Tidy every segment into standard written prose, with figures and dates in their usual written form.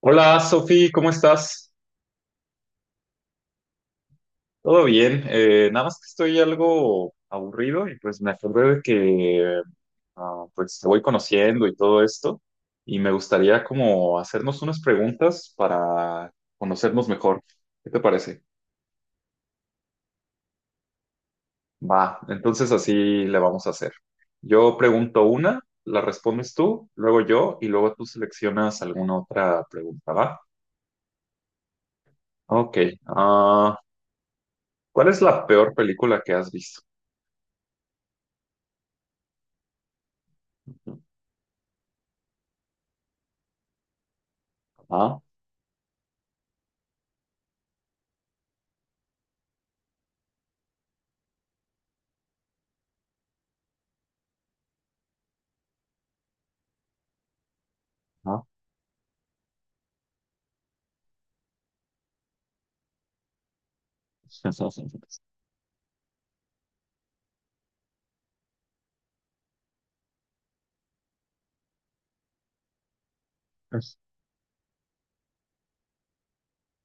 Hola, Sofi, ¿cómo estás? Todo bien, nada más que estoy algo aburrido y pues me acordé de que pues te voy conociendo y todo esto y me gustaría como hacernos unas preguntas para conocernos mejor. ¿Qué te parece? Va, entonces así le vamos a hacer. Yo pregunto una, la respondes tú, luego yo y luego tú seleccionas alguna otra pregunta, ¿va? Ok, ah, ¿cuál es la peor película que has visto? Ah, ah.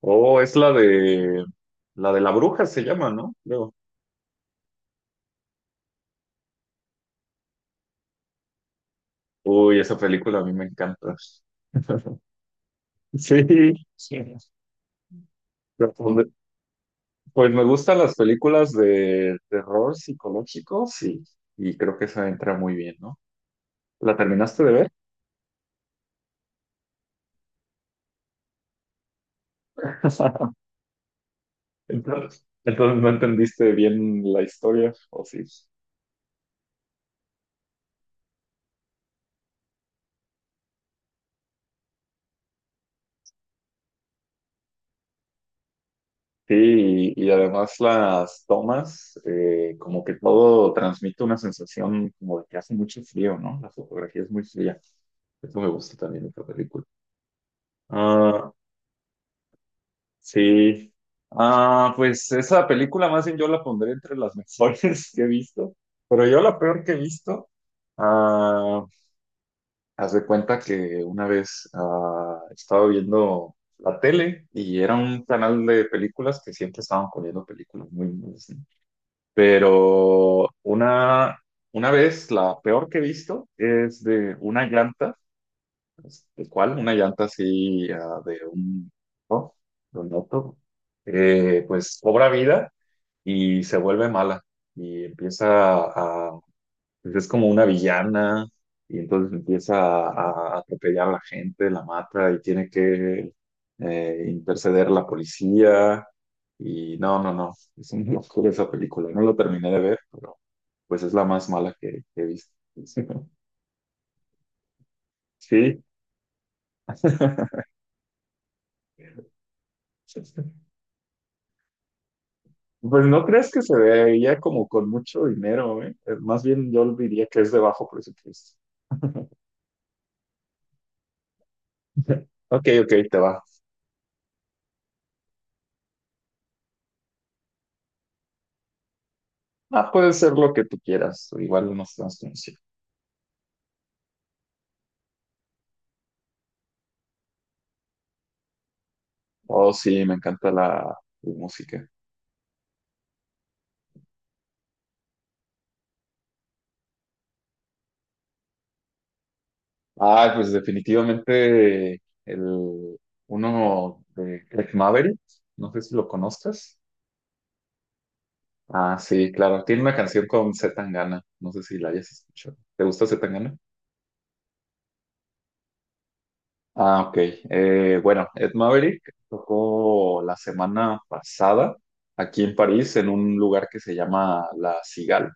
Oh, es la de la de la bruja se llama, ¿no? Creo. Uy, esa película a mí me encanta. Sí, sí. Pues pues me gustan las películas de terror psicológico, sí, y creo que esa entra muy bien, ¿no? ¿La terminaste de ver? Entonces no entendiste bien la historia, ¿o sí? Sí, y además las tomas, como que todo transmite una sensación como de que hace mucho frío, ¿no? La fotografía es muy fría. Eso me gusta también de esta película. Ah, sí. Ah, pues esa película más bien yo la pondré entre las mejores que he visto, pero yo la peor que he visto, ah, haz de cuenta que una vez estaba viendo la tele y era un canal de películas que siempre estaban poniendo películas muy malas. Pero una, una vez, la peor que he visto es de una llanta, ¿de cuál? Una llanta así de un, ¿no? De un auto, pues cobra vida y se vuelve mala y empieza a, es como una villana y entonces empieza a atropellar a la gente, la mata y tiene que interceder la policía. Y no, no, no, es una locura esa película. No la terminé de ver, pero pues es la más mala que he visto. Sí. Pues no crees que se veía como con mucho dinero, ¿eh? Más bien yo diría que es de bajo presupuesto. Ok, ok, te va. Ah, puede ser lo que tú quieras. Igual no estamos conociendo. Oh, sí, me encanta la música. Ah, pues definitivamente el, uno de Craig Maverick, no sé si lo conozcas. Ah, sí, claro, tiene una canción con C. Tangana, no sé si la hayas escuchado. ¿Te gusta C. Tangana? Ah, ok. Bueno, Ed Maverick tocó la semana pasada aquí en París en un lugar que se llama La Cigala.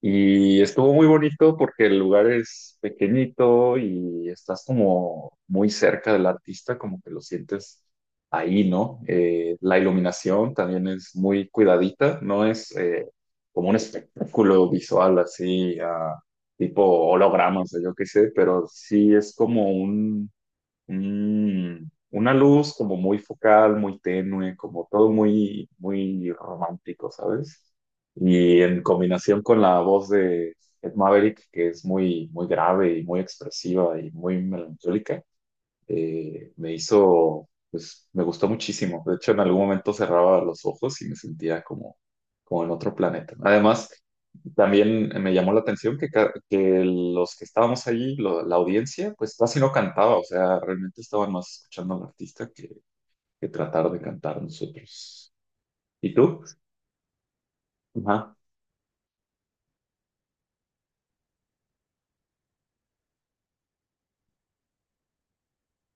Y estuvo muy bonito porque el lugar es pequeñito y estás como muy cerca del artista, como que lo sientes ahí, ¿no? La iluminación también es muy cuidadita, no es como un espectáculo visual así, tipo hologramas o yo qué sé, pero sí es como Mm, una luz como muy focal, muy tenue, como todo muy, muy romántico, ¿sabes? Y en combinación con la voz de Ed Maverick, que es muy, muy grave y muy expresiva y muy melancólica, me hizo, pues me gustó muchísimo. De hecho, en algún momento cerraba los ojos y me sentía como, como en otro planeta. ¿No? Además, también me llamó la atención que, que los que estábamos ahí, la audiencia, pues casi no cantaba, o sea, realmente estaban más escuchando al artista que tratar de cantar nosotros. ¿Y tú? Ajá.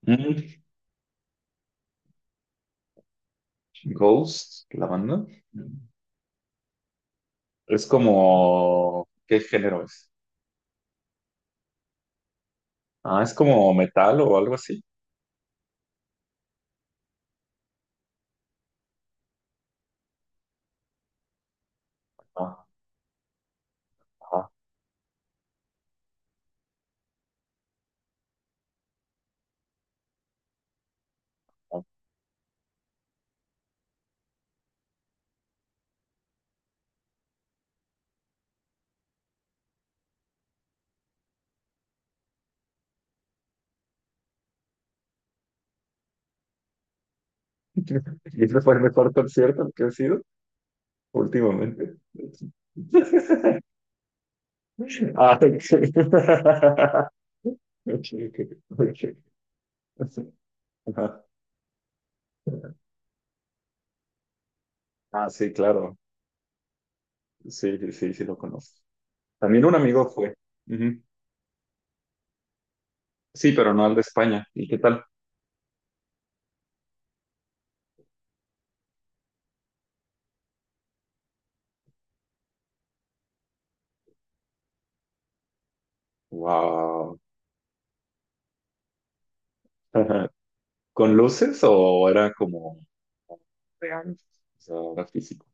Mm, Ghost, la banda. Es como, ¿qué género es? Ah, es como metal o algo así. Ah, ajá. Y ese fue el mejor concierto que ha sido últimamente. Ah, ok. Ok, ok, ok. Ajá. Ah, sí, claro. Sí, sí, sí, sí lo conozco. También un amigo fue. Ujú. Sí, pero no al de España. ¿Y qué tal? Wow. Ajá. ¿Con luces o era como real? O sea, era físico.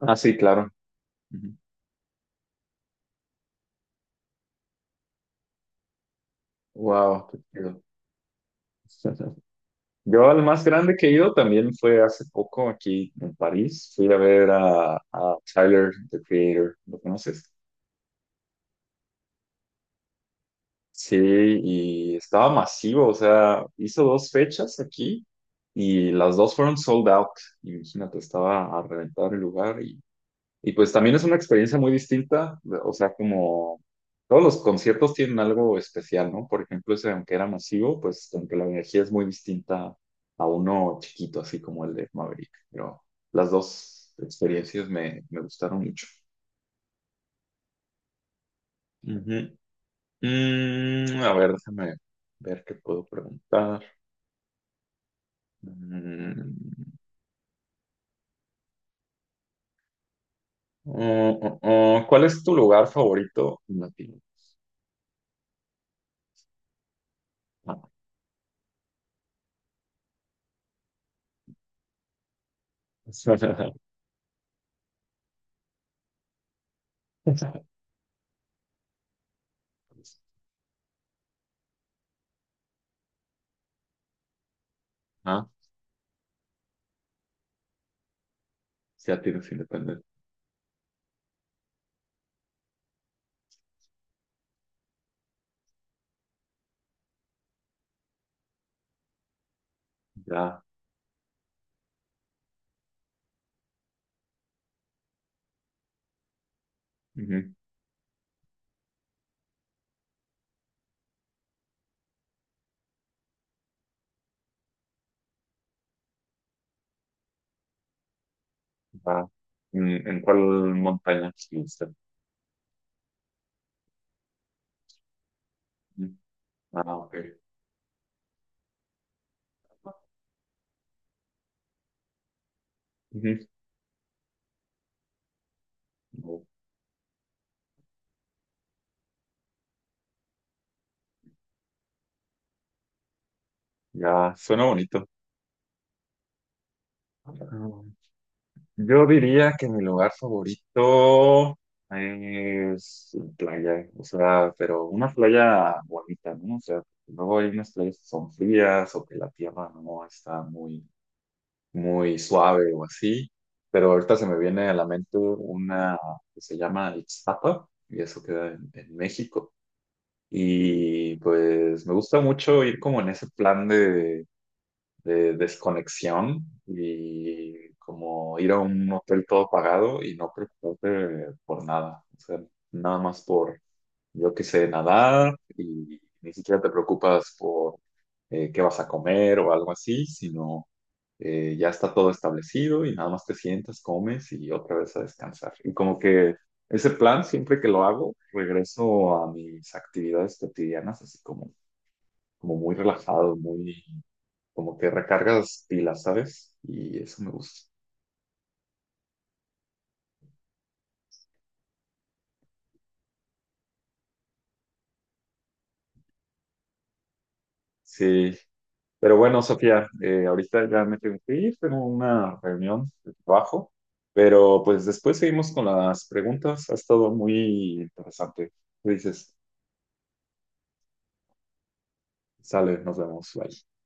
Ah, sí, claro. Wow, qué chido. Yo al más grande que he ido también fue hace poco aquí en París. Fui a ver a Tyler, the Creator, ¿lo conoces? Sí, y estaba masivo, o sea, hizo dos fechas aquí y las dos fueron sold out. Imagínate, estaba a reventar el lugar y pues también es una experiencia muy distinta, o sea, como todos los conciertos tienen algo especial, ¿no? Por ejemplo, ese, aunque era masivo, pues aunque la energía es muy distinta a uno chiquito, así como el de Maverick, pero las dos experiencias me gustaron mucho. Ujú. Mm, a ver, déjame ver qué puedo preguntar. Mm, oh, oh, oh, ¿cuál es tu lugar favorito en Latino? Ah. Ah, ya tienes independencia. Ya, ujú, va. En cuál montaña estuviste? Ujú. Ah, ok. Ujú. Oh, ya, suena bonito. Mm, yo diría que mi lugar favorito es playa, o sea, pero una playa bonita, ¿no? O sea, luego hay unas playas que son frías o que la tierra no está muy, muy suave o así, pero ahorita se me viene a la mente una que se llama Ixtapa y eso queda en México. Y pues me gusta mucho ir como en ese plan de desconexión y como ir a un hotel todo pagado y no preocuparte por nada. O sea, nada más por, yo que sé nadar y ni siquiera te preocupas por qué vas a comer o algo así, sino ya está todo establecido y nada más te sientas, comes y otra vez a descansar. Y como que ese plan, siempre que lo hago, regreso a mis actividades cotidianas, así como, como muy relajado, muy como que recargas pilas, ¿sabes? Y eso me gusta. Sí, pero bueno, Sofía, ahorita ya me tengo que ir, tengo una reunión de trabajo, pero pues después seguimos con las preguntas. Ha estado muy interesante. Tú dices, sale, nos vemos, bye.